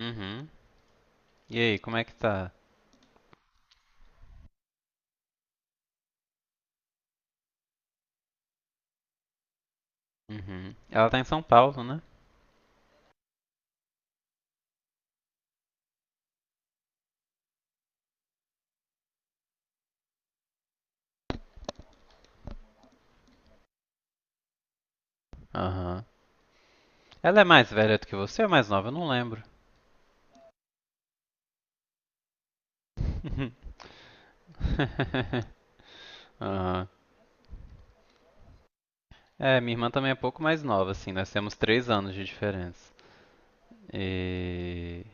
Uhum. E aí, como é que tá? Uhum. Ela tá em São Paulo, né? Aham. Ela é mais velha do que você ou mais nova? Eu não lembro. Aham. É, minha irmã também é pouco mais nova, assim. Nós temos três anos de diferença. E...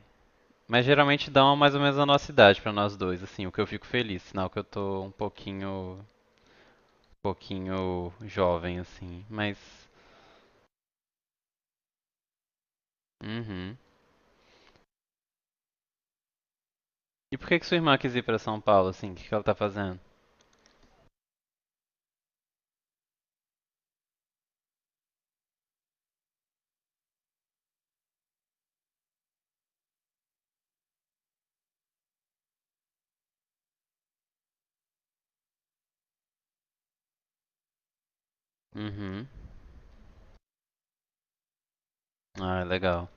Mas geralmente dão mais ou menos a nossa idade pra nós dois, assim. O que eu fico feliz, sinal que eu tô pouquinho jovem, assim. Mas uhum. E por que que sua irmã quis ir pra São Paulo, assim? O que que ela tá fazendo? Uhum. Ah, legal.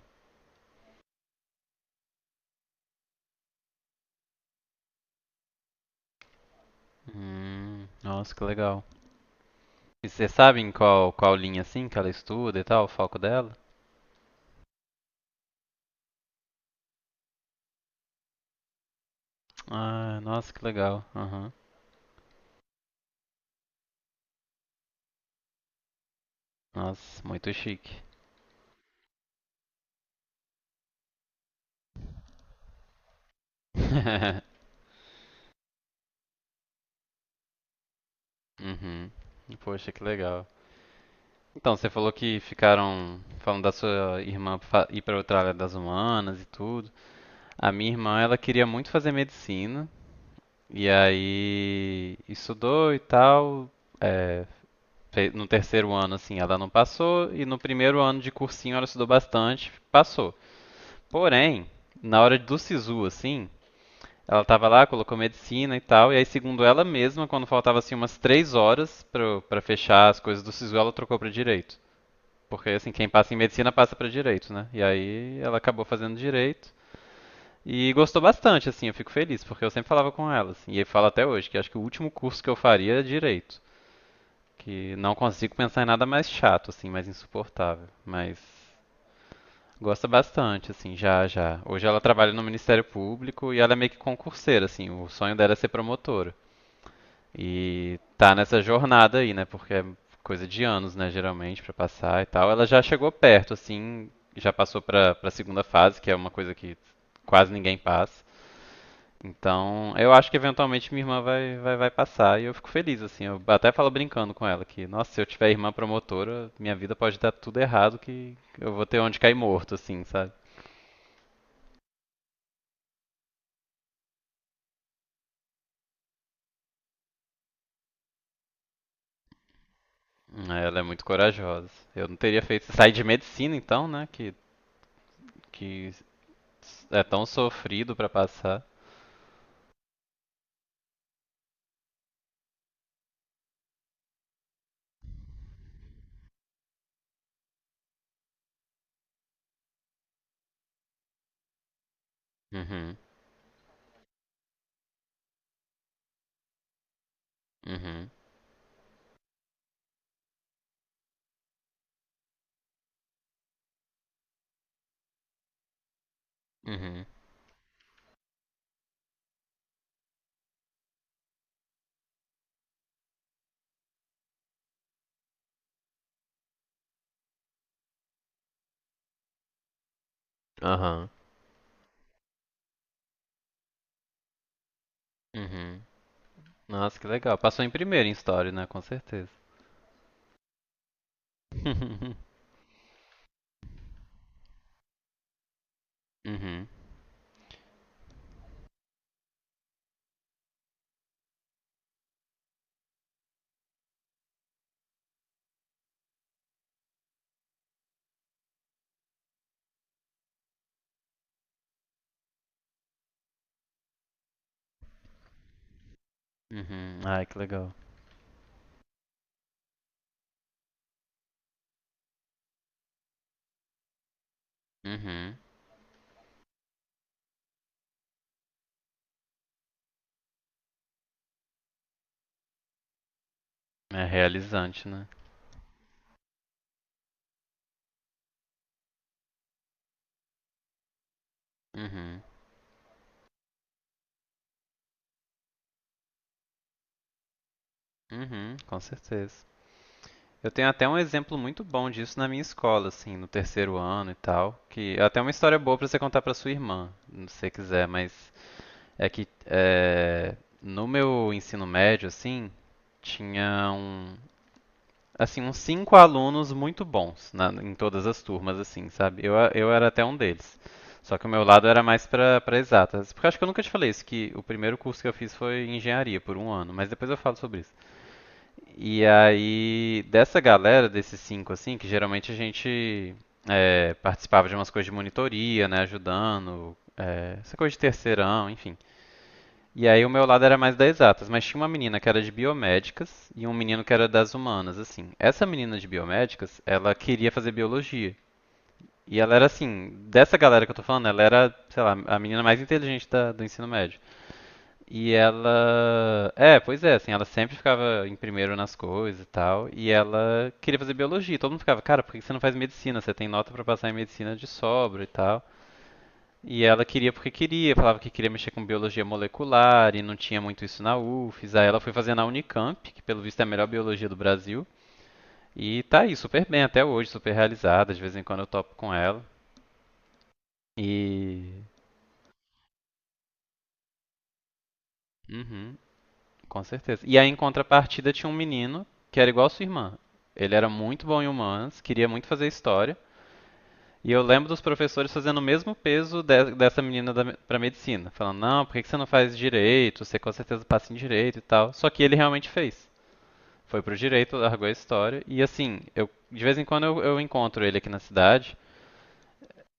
Nossa, que legal. E vocês sabem qual linha assim que ela estuda e tal, o foco dela? Ah, nossa, que legal. Aham. Nossa, muito chique. Uhum. Poxa, que legal. Então, você falou que ficaram falando da sua irmã ir para outra área das humanas e tudo. A minha irmã, ela queria muito fazer medicina e aí estudou e tal, é, No terceiro ano, assim, ela não passou, e no primeiro ano de cursinho ela estudou bastante, passou. Porém, na hora do SISU, assim, ela tava lá, colocou medicina e tal, e aí, segundo ela mesma, quando faltava, assim, umas três horas pra fechar as coisas do SISU, ela trocou pra direito. Porque, assim, quem passa em medicina passa pra direito, né? E aí ela acabou fazendo direito. E gostou bastante, assim, eu fico feliz, porque eu sempre falava com ela, assim, e eu falo até hoje, que acho que o último curso que eu faria é direito. Que não consigo pensar em nada mais chato, assim, mais insuportável. Mas gosta bastante, assim, já. Hoje ela trabalha no Ministério Público e ela é meio que concurseira, assim. O sonho dela é ser promotora. E tá nessa jornada aí, né? Porque é coisa de anos, né, geralmente, pra passar e tal. Ela já chegou perto, assim, já passou pra segunda fase, que é uma coisa que quase ninguém passa. Então, eu acho que eventualmente minha irmã vai passar e eu fico feliz, assim. Eu até falo brincando com ela que, nossa, se eu tiver irmã promotora, minha vida pode dar tudo errado que eu vou ter onde cair morto, assim, sabe? Ela é muito corajosa. Eu não teria feito sair de medicina, então, né? Que é tão sofrido pra passar. Uhum, uhum, uhum, aham, uhum. Nossa, que legal. Passou em primeiro em história, né? Com certeza. Uhum, uhum. Ai, que legal. Uhum. É realizante, né? Uhum. Uhum, com certeza. Eu tenho até um exemplo muito bom disso na minha escola, assim, no terceiro ano e tal, que é até uma história boa pra você contar pra sua irmã, se você quiser, mas é que é, no meu ensino médio, assim, tinha um, assim, uns cinco alunos muito bons em todas as turmas, assim, sabe? Eu era até um deles. Só que o meu lado era mais pra para exatas. Porque eu acho que eu nunca te falei isso, que o primeiro curso que eu fiz foi engenharia por um ano, mas depois eu falo sobre isso. E aí, dessa galera, desses cinco, assim, que geralmente a gente participava de umas coisas de monitoria, né, ajudando, essa coisa de terceirão, enfim. E aí o meu lado era mais das exatas, mas tinha uma menina que era de biomédicas e um menino que era das humanas, assim. Essa menina de biomédicas, ela queria fazer biologia. E ela era assim, dessa galera que eu tô falando, ela era, sei lá, a menina mais inteligente do ensino médio. E ela. É, pois é, assim, ela sempre ficava em primeiro nas coisas e tal. E ela queria fazer biologia. Todo mundo ficava, cara, por que você não faz medicina? Você tem nota pra passar em medicina de sobra e tal. E ela queria porque queria, falava que queria mexer com biologia molecular e não tinha muito isso na UFES. Aí ela foi fazer na Unicamp, que pelo visto é a melhor biologia do Brasil. E tá aí, super bem até hoje, super realizada. De vez em quando eu topo com ela. E. Uhum, com certeza. E aí, em contrapartida, tinha um menino que era igual a sua irmã. Ele era muito bom em humanas, queria muito fazer história. E eu lembro dos professores fazendo o mesmo peso dessa menina pra medicina. Falando, não, por que que você não faz direito? Você com certeza passa em direito e tal. Só que ele realmente fez. Foi pro direito, largou a história. E assim, de vez em quando eu encontro ele aqui na cidade.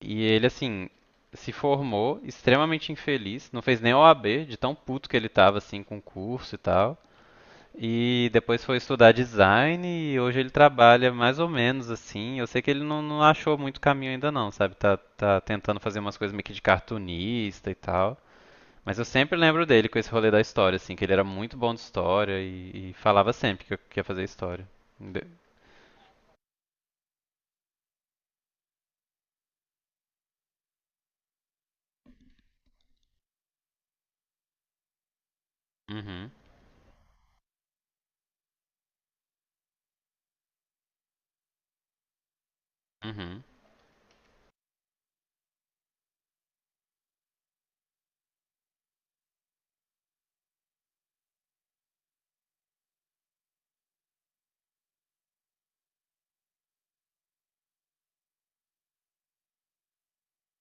E ele, assim, se formou extremamente infeliz. Não fez nem OAB, de tão puto que ele tava, assim, com o curso e tal. E depois foi estudar design e hoje ele trabalha mais ou menos assim. Eu sei que ele não achou muito caminho ainda não, sabe? Tá tentando fazer umas coisas meio que de cartunista e tal. Mas eu sempre lembro dele com esse rolê da história, assim, que ele era muito bom de história e falava sempre que eu queria fazer história. De- Uhum, uhum,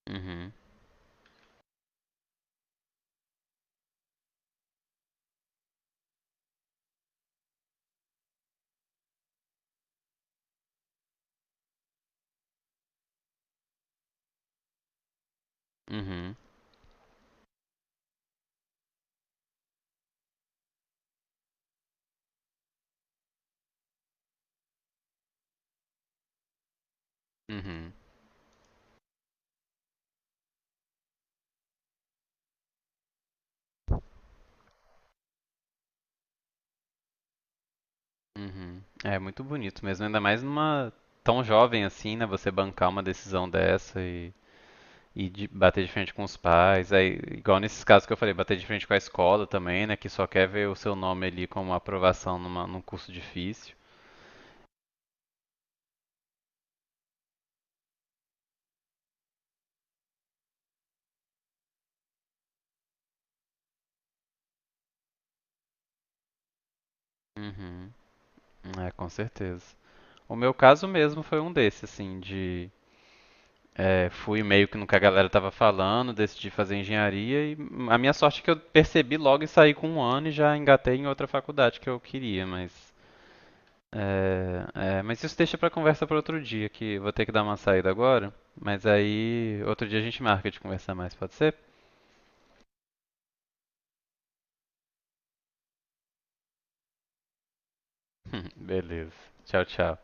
uhum, uhum, uhum, uhum. É muito bonito mesmo, ainda mais numa tão jovem assim, né? Você bancar uma decisão dessa. E de bater de frente com os pais, aí, igual nesses casos que eu falei, bater de frente com a escola também, né? Que só quer ver o seu nome ali como aprovação num curso difícil. Uhum. É, com certeza. O meu caso mesmo foi um desses, fui meio que no que a galera tava falando, decidi fazer engenharia e a minha sorte é que eu percebi logo e saí com um ano e já engatei em outra faculdade que eu queria, mas mas isso deixa pra conversa pra outro dia, que vou ter que dar uma saída agora. Mas aí, outro dia a gente marca de conversar mais, pode ser? Beleza. Tchau, tchau.